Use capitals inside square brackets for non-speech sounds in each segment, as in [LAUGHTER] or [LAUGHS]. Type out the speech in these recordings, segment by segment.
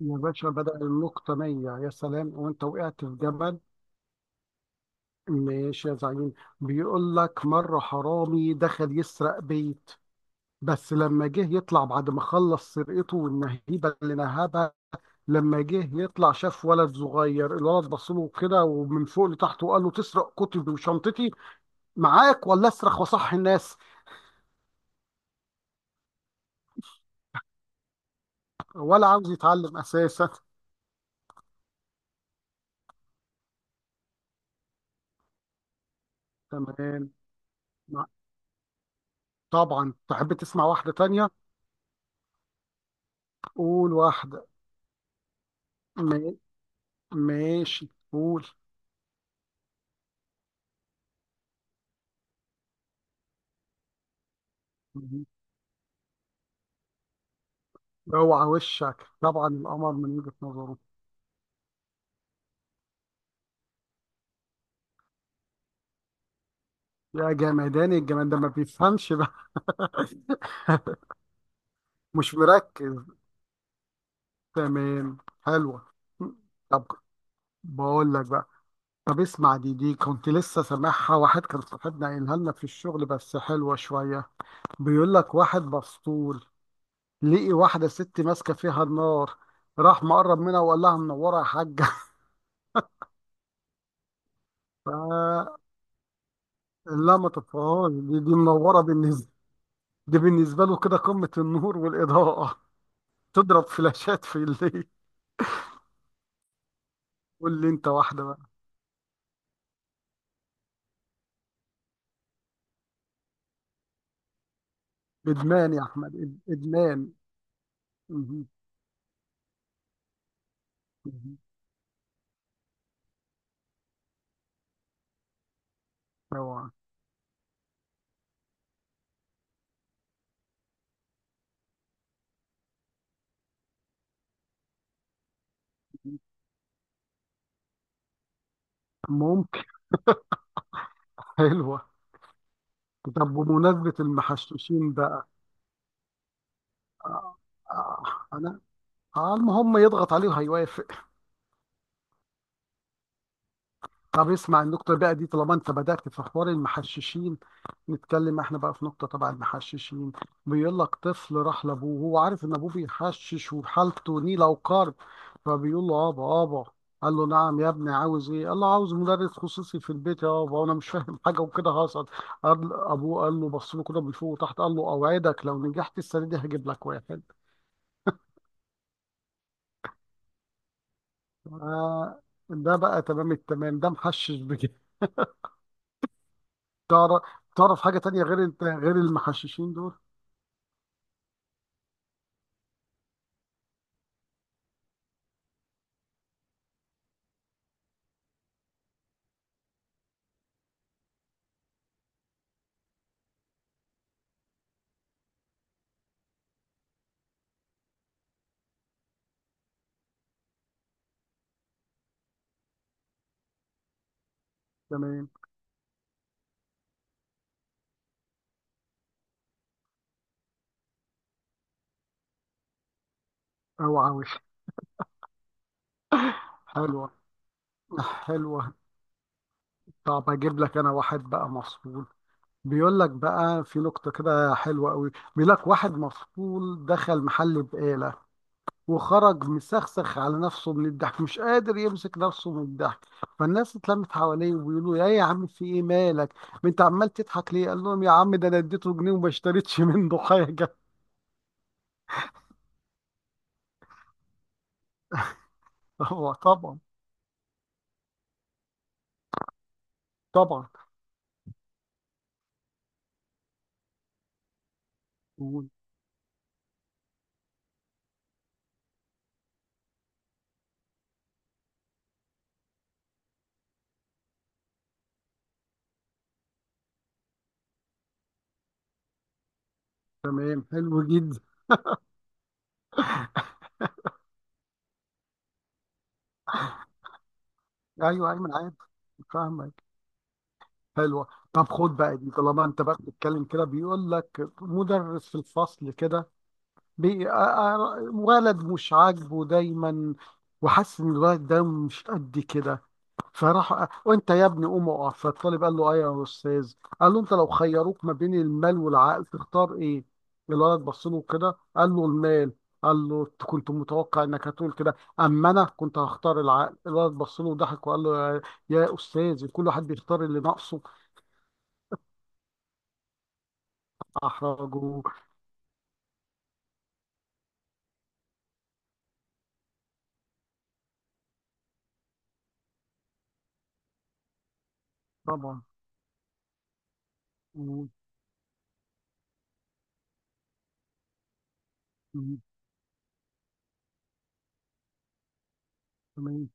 يا باشا بدأ النقطة مية يا سلام وانت وقعت في جبل. ماشي يا زعيم. بيقول لك مرة حرامي دخل يسرق بيت، بس لما جه يطلع بعد ما خلص سرقته والنهيبة اللي نهبها، لما جه يطلع شاف ولد صغير. الولد بصله كده ومن فوق لتحت وقال له تسرق كتبي وشنطتي معاك ولا اصرخ وصح الناس؟ ولا عاوز يتعلم أساسا. تمام. مع- طبعا تحب تسمع واحدة تانية؟ قول واحدة. ما- ماشي قول. اوعى وشك، طبعا القمر من وجهة نظره. يا جمدان الجمال ده ما بيفهمش بقى. [LAUGHS] مش مركز. تمام. حلوة. طب بقول لك بقى. طب اسمع دي كنت لسه سامعها، واحد كان صاحبنا قايلها لنا في الشغل، بس حلوة شوية. بيقول لك واحد مسطول لقي واحدة ست ماسكة فيها النار، راح مقرب منها وقال لها منورة يا حاجة. [LAUGHS] ف- لا ما تطفيهاش، دي منورة بالنسبة، دي بالنسبة له كده قمة النور والإضاءة، تضرب فلاشات في الليل. قول لي انت واحده بقى. ادمان يا احمد، ادمان. مهم. مهم. طبعا. ممكن. حلوه. طب بمناسبه المحشوشين بقى. آه، آه، انا على ما هم يضغط عليه وهيوافق. طب اسمع النقطة بقى دي طالما انت بدأت في حوار المحششين. نتكلم احنا بقى في نقطة تبع المحششين. بيقول لك طفل راح لابوه وهو عارف ان ابوه بيحشش وحالته نيلة وقرب، فبيقول له ابا ابا. قال له نعم يا ابني عاوز ايه؟ قال له عاوز مدرس خصوصي في البيت يا ابا وانا مش فاهم [LAUGHS] حاجة وكده هصل. قال ابوه، قال له بص له كده من فوق وتحت، قال له اوعدك لو نجحت السنة دي هجيب لك واحد. آه. ده بقى تمام التمام، ده محشش بجد. تعرف؟ حاجة تانية غير انت، غير المحششين دول؟ تمام. او عاوز. حلوة حلوة. طب اجيب لك انا واحد بقى مفصول. بيقول لك بقى في نقطة كده حلوة قوي. بيقول لك واحد مفصول دخل محل بقالة، وخرج مسخسخ على نفسه من الضحك، مش قادر يمسك نفسه من الضحك. فالناس اتلمت حواليه وبيقولوا يا عم في ايه مالك؟ ما انت عمال تضحك ليه؟ قال لهم يا عم ده انا اديته جنيه وما اشتريتش منه حاجة. [LAUGHS] هو طبعا. طبعا. قول. تمام، حلو جدا. ايوه ايمن، عارف، فاهمك. حلوه. طب خد بقى دي طالما انت بقى بتتكلم كده. بيقول لك مدرس في الفصل كده ولد مش عاجبه دايما، وحاسس ان الولد ده مش قد كده. فراح، وانت يا ابني قوم اقف. فالطالب قال له ايه يا استاذ؟ قال له انت لو خيروك ما بين المال والعقل تختار ايه؟ الولد بص له كده قال له المال. قال له أنت كنت متوقع انك هتقول كده، اما انا كنت هختار العقل. الولد بص له وضحك وقال له يا استاذ، كل واحد بيختار اللي ناقصه. احرجه. طبعا. مم. مم. تمام.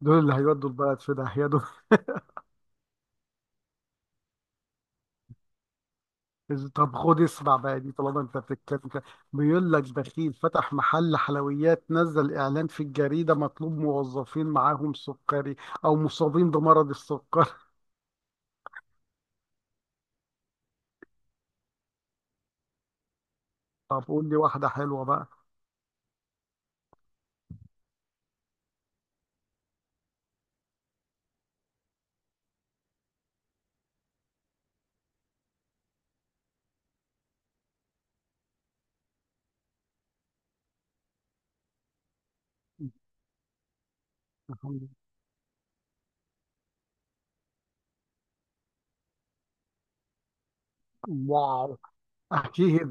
دول اللي هيودوا البلد في داهيه. طب خد اسمع بقى دي طالما انت بتتكلم كده. بيقول لك بخيل فتح محل حلويات، نزل اعلان في الجريده مطلوب موظفين معاهم سكري، او مصابين بمرض السكر. [LAUGHS] طب قول لي واحده حلوه بقى. [LAUGHS] واو. اكيد.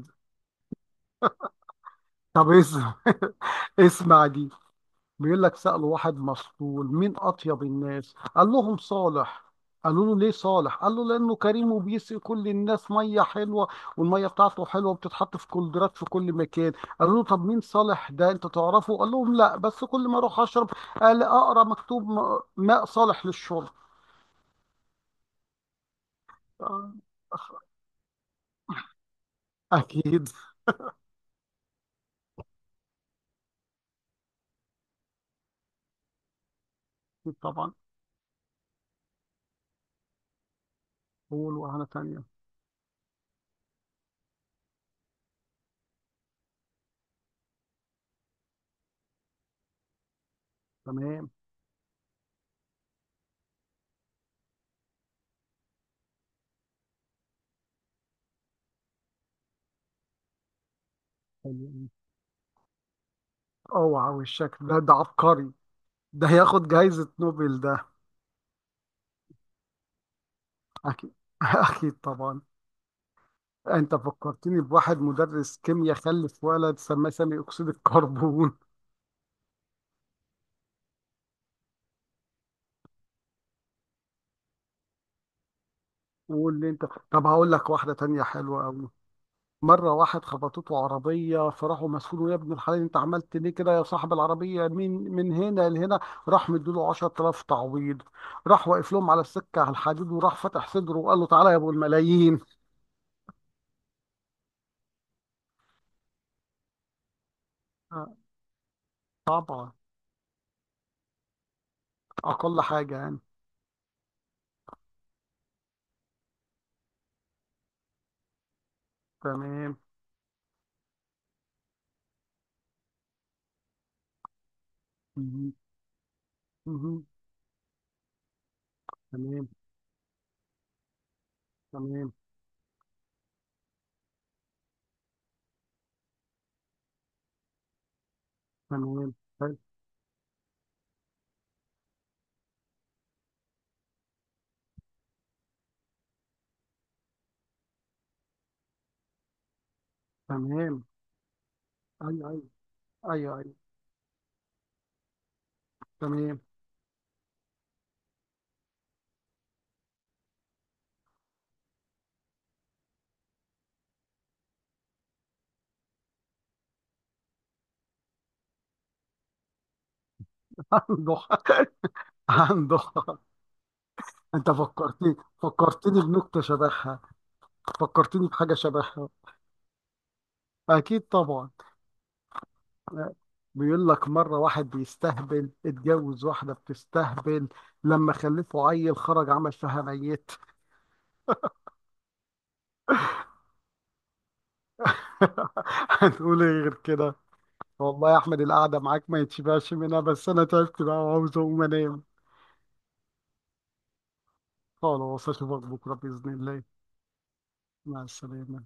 طب اسمع. [LAUGHS] اسمع دي. بيقول لك سألوا واحد مسطول مين أطيب الناس؟ قال لهم صالح. قالوا له ليه صالح؟ قال له لأنه كريم وبيسقي كل الناس مية حلوة، والمية بتاعته حلوة وبتتحط في كولدرات في كل مكان. قالوا له طب مين صالح ده، أنت تعرفه؟ قال لهم لا، بس كل ما أروح أشرب قال أقرأ مكتوب ماء صالح للشرب. آه، أكيد طبعا. قول وهنا تانية. تمام. حلو. اوعى، والشكل ده عبقري، ده هياخد جايزة نوبل ده. أكيد. [LAUGHS] أكيد طبعا. انت فكرتني بواحد مدرس كيمياء خلف ولد سماه سامي اكسيد الكربون. [LAUGHS] واللي انت. طب هقول لك واحده تانية حلوه قوي. مره واحد خبطته عربيه، فراحوا مسؤوله يا ابن الحلال انت عملت ليه كده يا صاحب العربيه، من هنا لهنا؟ راح مديله 10000 تعويض. راح واقف لهم على السكه، على الحديد، وراح فتح صدره وقال له تعالى يا ابو الملايين. آه، طبعا. اقل حاجه يعني. تمام. مهم. مهم. تمام. تمام. تمام. حلو. تمام. ايوه ايوه. ايوه أيوه. تمام. [LAUGHS] عنده حق. عنده حق. انت فكرتني. بنكتة شبهها. فكرتني بحاجة شبهها. اكيد طبعا. بيقول لك مرة واحد بيستهبل اتجوز واحدة بتستهبل، لما خلفه عيل خرج عمل فيها ميت. [LAUGHS] هنقول ايه غير كده؟ والله يا احمد القعدة معاك ما يتشبعش منها، بس انا تعبت بقى وعاوز اقوم انام. خلاص اشوفك بكرة بإذن الله. مع السلامة.